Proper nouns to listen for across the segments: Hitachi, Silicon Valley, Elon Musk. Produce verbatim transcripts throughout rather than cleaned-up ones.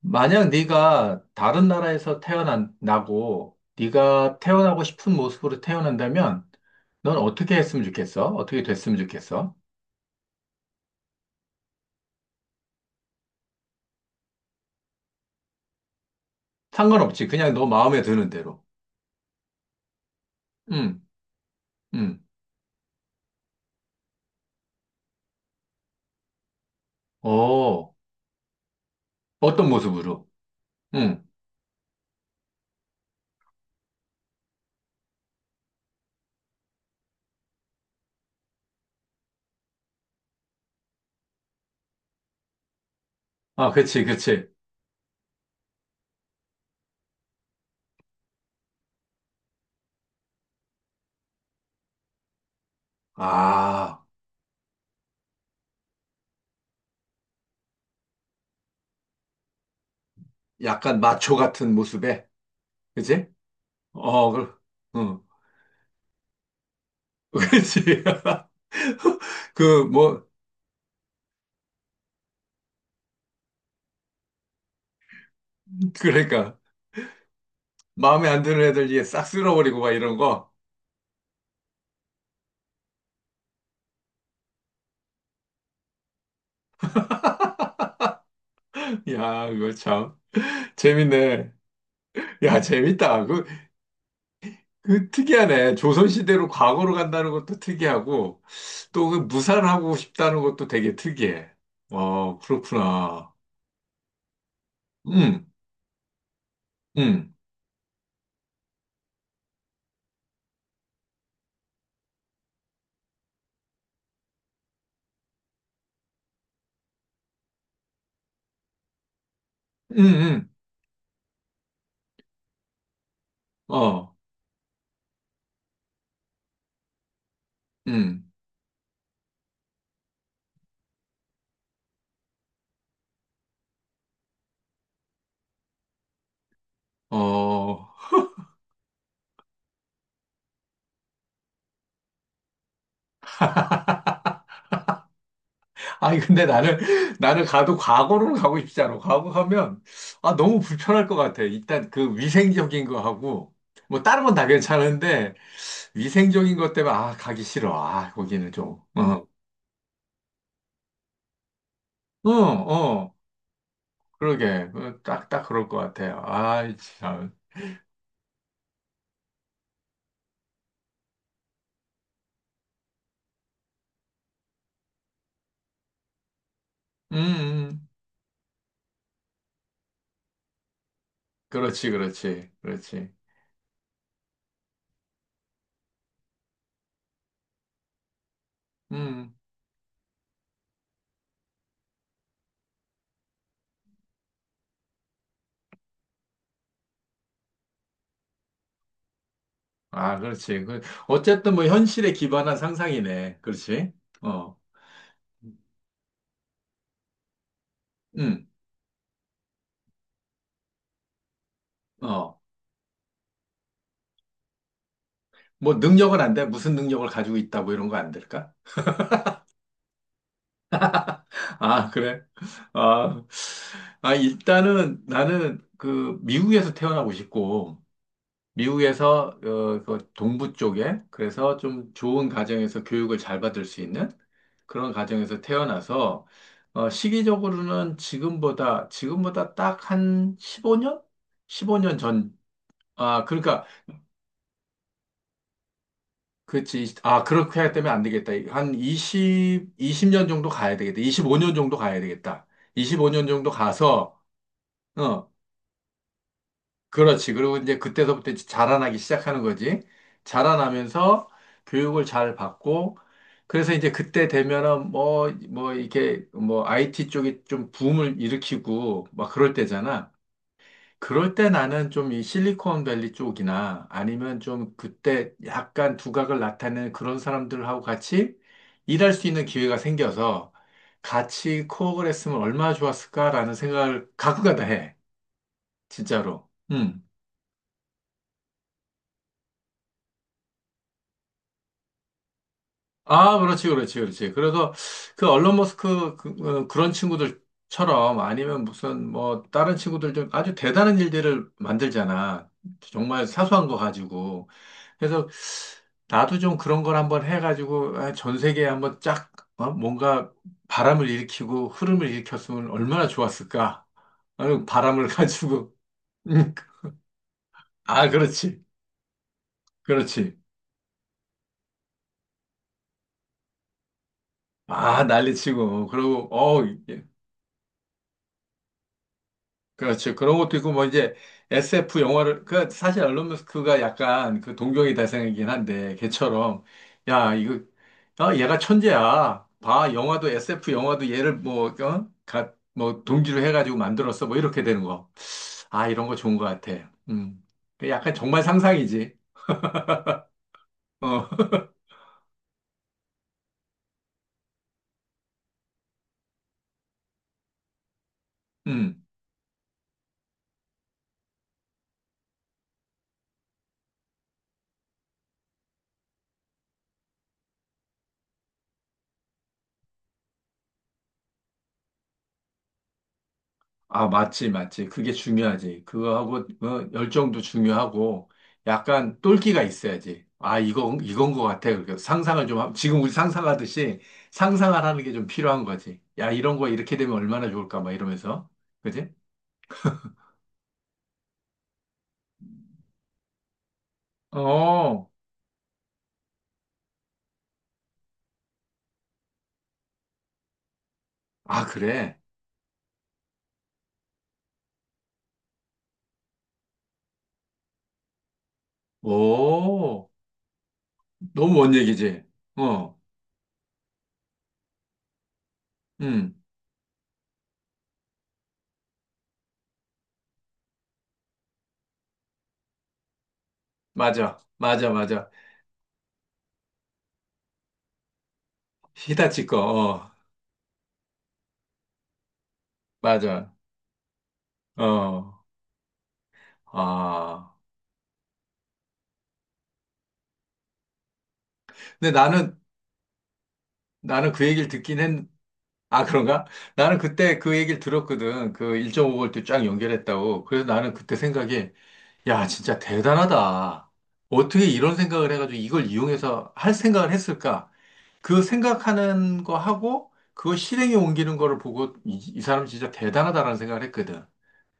만약 네가 다른 나라에서 태어나고 네가 태어나고 싶은 모습으로 태어난다면 넌 어떻게 했으면 좋겠어? 어떻게 됐으면 좋겠어? 상관없지. 그냥 너 마음에 드는 대로. 응, 응. 어, 어떤 모습으로? 응. 아, 그치, 그치. 아, 약간 마초 같은 모습에? 그치? 어, 그, 응. 그치. 그, 뭐, 그러니까. 마음에 안 드는 애들 이제 싹 쓸어버리고 막 이런 거. 야, 그거 참. 재밌네. 야, 재밌다. 그, 그 특이하네. 조선시대로 과거로 간다는 것도 특이하고, 또 그 무산하고 싶다는 것도 되게 특이해. 어, 그렇구나. 음, 음, 음, 음, 어, 음, 어. 아니, 근데 나는, 나는 가도 과거로는 가고 싶지 않아. 과거 가면, 아, 너무 불편할 것 같아. 일단 그 위생적인 거 하고, 뭐 다른 건 다 괜찮은데, 위생적인 것 때문에, 아, 가기 싫어. 아, 거기는 좀, 어. 어, 어. 그러게. 그 딱, 딱 그럴 것 같아요. 아이, 참. 음, 음. 그렇지, 그렇지, 그렇지. 음. 아, 그렇지. 그, 어쨌든 뭐 현실에 기반한 상상이네. 그렇지? 어, 음, 어. 뭐 능력은 안 돼? 무슨 능력을 가지고 있다, 뭐 이런 거 안 될까? 아, 그래? 아, 아, 일단은 나는 그 미국에서 태어나고 싶고, 미국에서 어, 그 동부 쪽에 그래서 좀 좋은 가정에서 교육을 잘 받을 수 있는 그런 가정에서 태어나서 어, 시기적으로는 지금보다 지금보다 딱 한 십오 년? 십오 년 전. 아, 그러니까 그렇지. 아, 그렇게 하기 때문에 안 되겠다. 한 이십 이십 년 정도 가야 되겠다. 이십오 년 정도 가야 되겠다. 이십오 년 정도 가서 어, 그렇지. 그리고 이제 그때서부터 이제 자라나기 시작하는 거지. 자라나면서 교육을 잘 받고, 그래서 이제 그때 되면은 뭐, 뭐, 이렇게 뭐, 아이 티 쪽이 좀 붐을 일으키고, 막 그럴 때잖아. 그럴 때 나는 좀 이 실리콘밸리 쪽이나 아니면 좀 그때 약간 두각을 나타내는 그런 사람들하고 같이 일할 수 있는 기회가 생겨서 같이 코업을 했으면 얼마나 좋았을까라는 생각을 가끔가다 해. 진짜로. 음. 아, 그렇지, 그렇지, 그렇지. 그래서 그 얼론 머스크 그, 런 친구들처럼 아니면 무슨 뭐 다른 친구들 좀 아주 대단한 일들을 만들잖아. 정말 사소한 거 가지고. 그래서 나도 좀 그런 걸 한번 해가지고 아, 전 세계에 한번 쫙 어? 뭔가 바람을 일으키고 흐름을 일으켰으면 얼마나 좋았을까. 아유, 바람을 가지고. 아, 그렇지, 그렇지. 아, 난리치고. 그리고, 어, 그렇죠. 그런 것도 있고, 뭐, 이제, 에스 에프 영화를, 그, 사실 앨런 머스크가 약간 그 동경의 대상이긴 한데, 걔처럼, 야, 이거, 아, 얘가 천재야. 봐, 영화도, 에스 에프 영화도 얘를 뭐, 어? 가, 뭐, 동기로 해가지고 만들었어. 뭐, 이렇게 되는 거. 아, 이런 거 좋은 거 같아. 음. 그 약간 정말 상상이지. 어, 음. 아, 맞지, 맞지. 그게 중요하지. 그거하고, 어, 열정도 중요하고, 약간 똘끼가 있어야지. 아, 이건, 이건 것 같아. 그러니까 상상을 좀, 함- 지금 우리 상상하듯이 상상을 하는 게 좀 필요한 거지. 야, 이런 거 이렇게 되면 얼마나 좋을까, 막 이러면서. 그지? 어, 아, 그래. 오, 너무 먼 얘기지. 어, 음, 맞아. 맞아, 맞아. 히다치 거, 어, 맞아. 어, 아. 근데 나는, 나는 그 얘기를 듣긴 했는데, 아, 그런가? 나는 그때 그 얘기를 들었거든. 그 일 점 오 볼트 쫙 연결했다고. 그래서 나는 그때 생각이, 야, 진짜 대단하다. 어떻게 이런 생각을 해가지고 이걸 이용해서 할 생각을 했을까? 그 생각하는 거 하고, 그거 실행에 옮기는 거를 보고, 이, 이 사람 진짜 대단하다라는 생각을 했거든.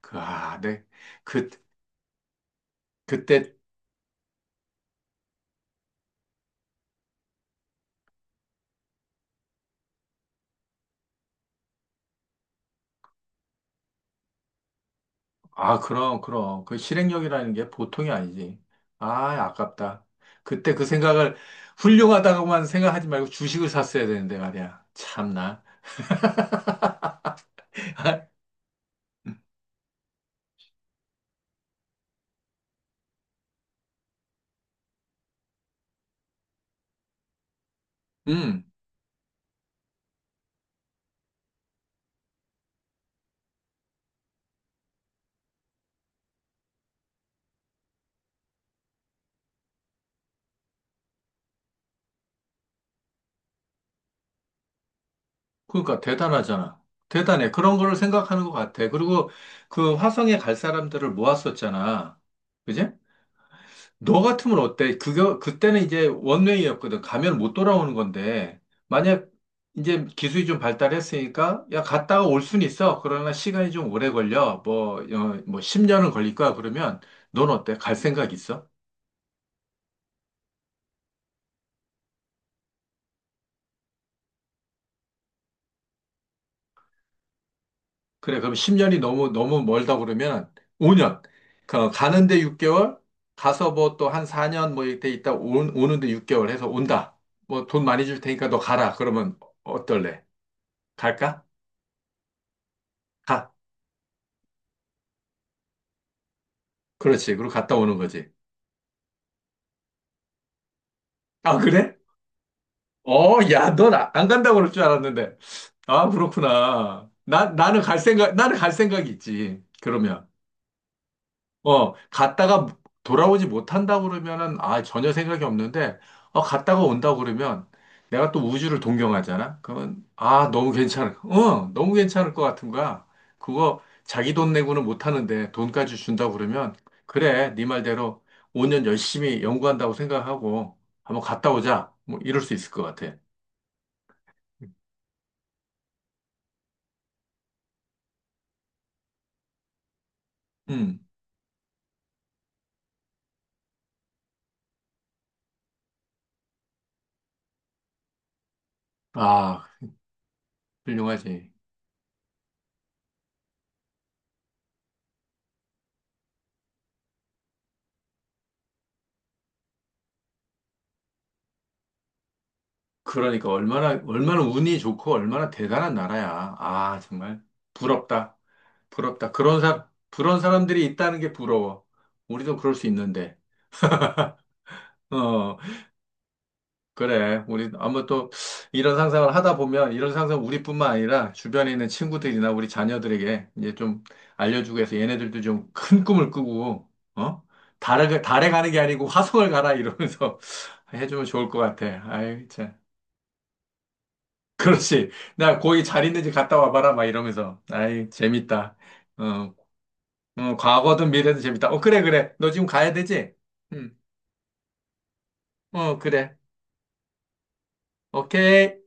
그, 아, 네 그, 그때 아, 그럼, 그럼. 그 실행력이라는 게 보통이 아니지. 아, 아깝다. 그때 그 생각을 훌륭하다고만 생각하지 말고 주식을 샀어야 되는데 말이야. 참나. 음, 그러니까 대단하잖아. 대단해. 그런 거를 생각하는 것 같아. 그리고 그 화성에 갈 사람들을 모았었잖아. 그지? 너 같으면 어때? 그거, 그때는 이제 원웨이였거든. 가면 못 돌아오는 건데, 만약 이제 기술이 좀 발달했으니까, 야, 갔다가 올 순 있어. 그러나 시간이 좀 오래 걸려. 뭐, 어, 뭐 십 년은 걸릴 거야. 그러면 넌 어때? 갈 생각 있어? 그래, 그럼 십 년이 너무, 너무 멀다 그러면 오 년. 그, 가는데 육 개월, 가서 뭐 또 한 사 년 뭐 이때 있다 온, 오는데 육 개월 해서 온다. 뭐 돈 많이 줄 테니까 너 가라. 그러면 어떨래? 갈까? 가. 그렇지. 그리고 갔다 오는 거지. 아, 그래? 어, 야, 넌 아, 안 간다고 그럴 줄 알았는데. 아, 그렇구나. 나, 나는 갈 생각, 나는 갈 생각이 있지. 그러면. 어, 갔다가 돌아오지 못한다고 그러면은, 아, 전혀 생각이 없는데, 어, 갔다가 온다고 그러면, 내가 또 우주를 동경하잖아? 그러면, 아, 너무 괜찮을, 어, 너무 괜찮을 것 같은 거야. 그거 자기 돈 내고는 못 하는데, 돈까지 준다고 그러면, 그래, 네 말대로 오 년 열심히 연구한다고 생각하고, 한번 갔다 오자. 뭐, 이럴 수 있을 것 같아. 음. 아, 훌륭하지. 그러니까 얼마나, 얼마나 운이 좋고 얼마나 대단한 나라야. 아, 정말 부럽다. 부럽다. 그런 사람, 그런 사람들이 있다는 게 부러워. 우리도 그럴 수 있는데. 어, 그래. 우리 아마 또 이런 상상을 하다 보면 이런 상상 우리뿐만 아니라 주변에 있는 친구들이나 우리 자녀들에게 이제 좀 알려주고 해서 얘네들도 좀 큰 꿈을 꾸고, 어? 달에, 달에 가는 게 아니고 화성을 가라 이러면서 해주면 좋을 것 같아. 아이 참. 그렇지. 나 거기 잘 있는지 갔다 와봐라. 막 이러면서. 아이, 재밌다. 어, 어, 과거든 미래든 재밌다. 어, 그래, 그래. 너 지금 가야 되지? 응. 어, 그래. 오케이.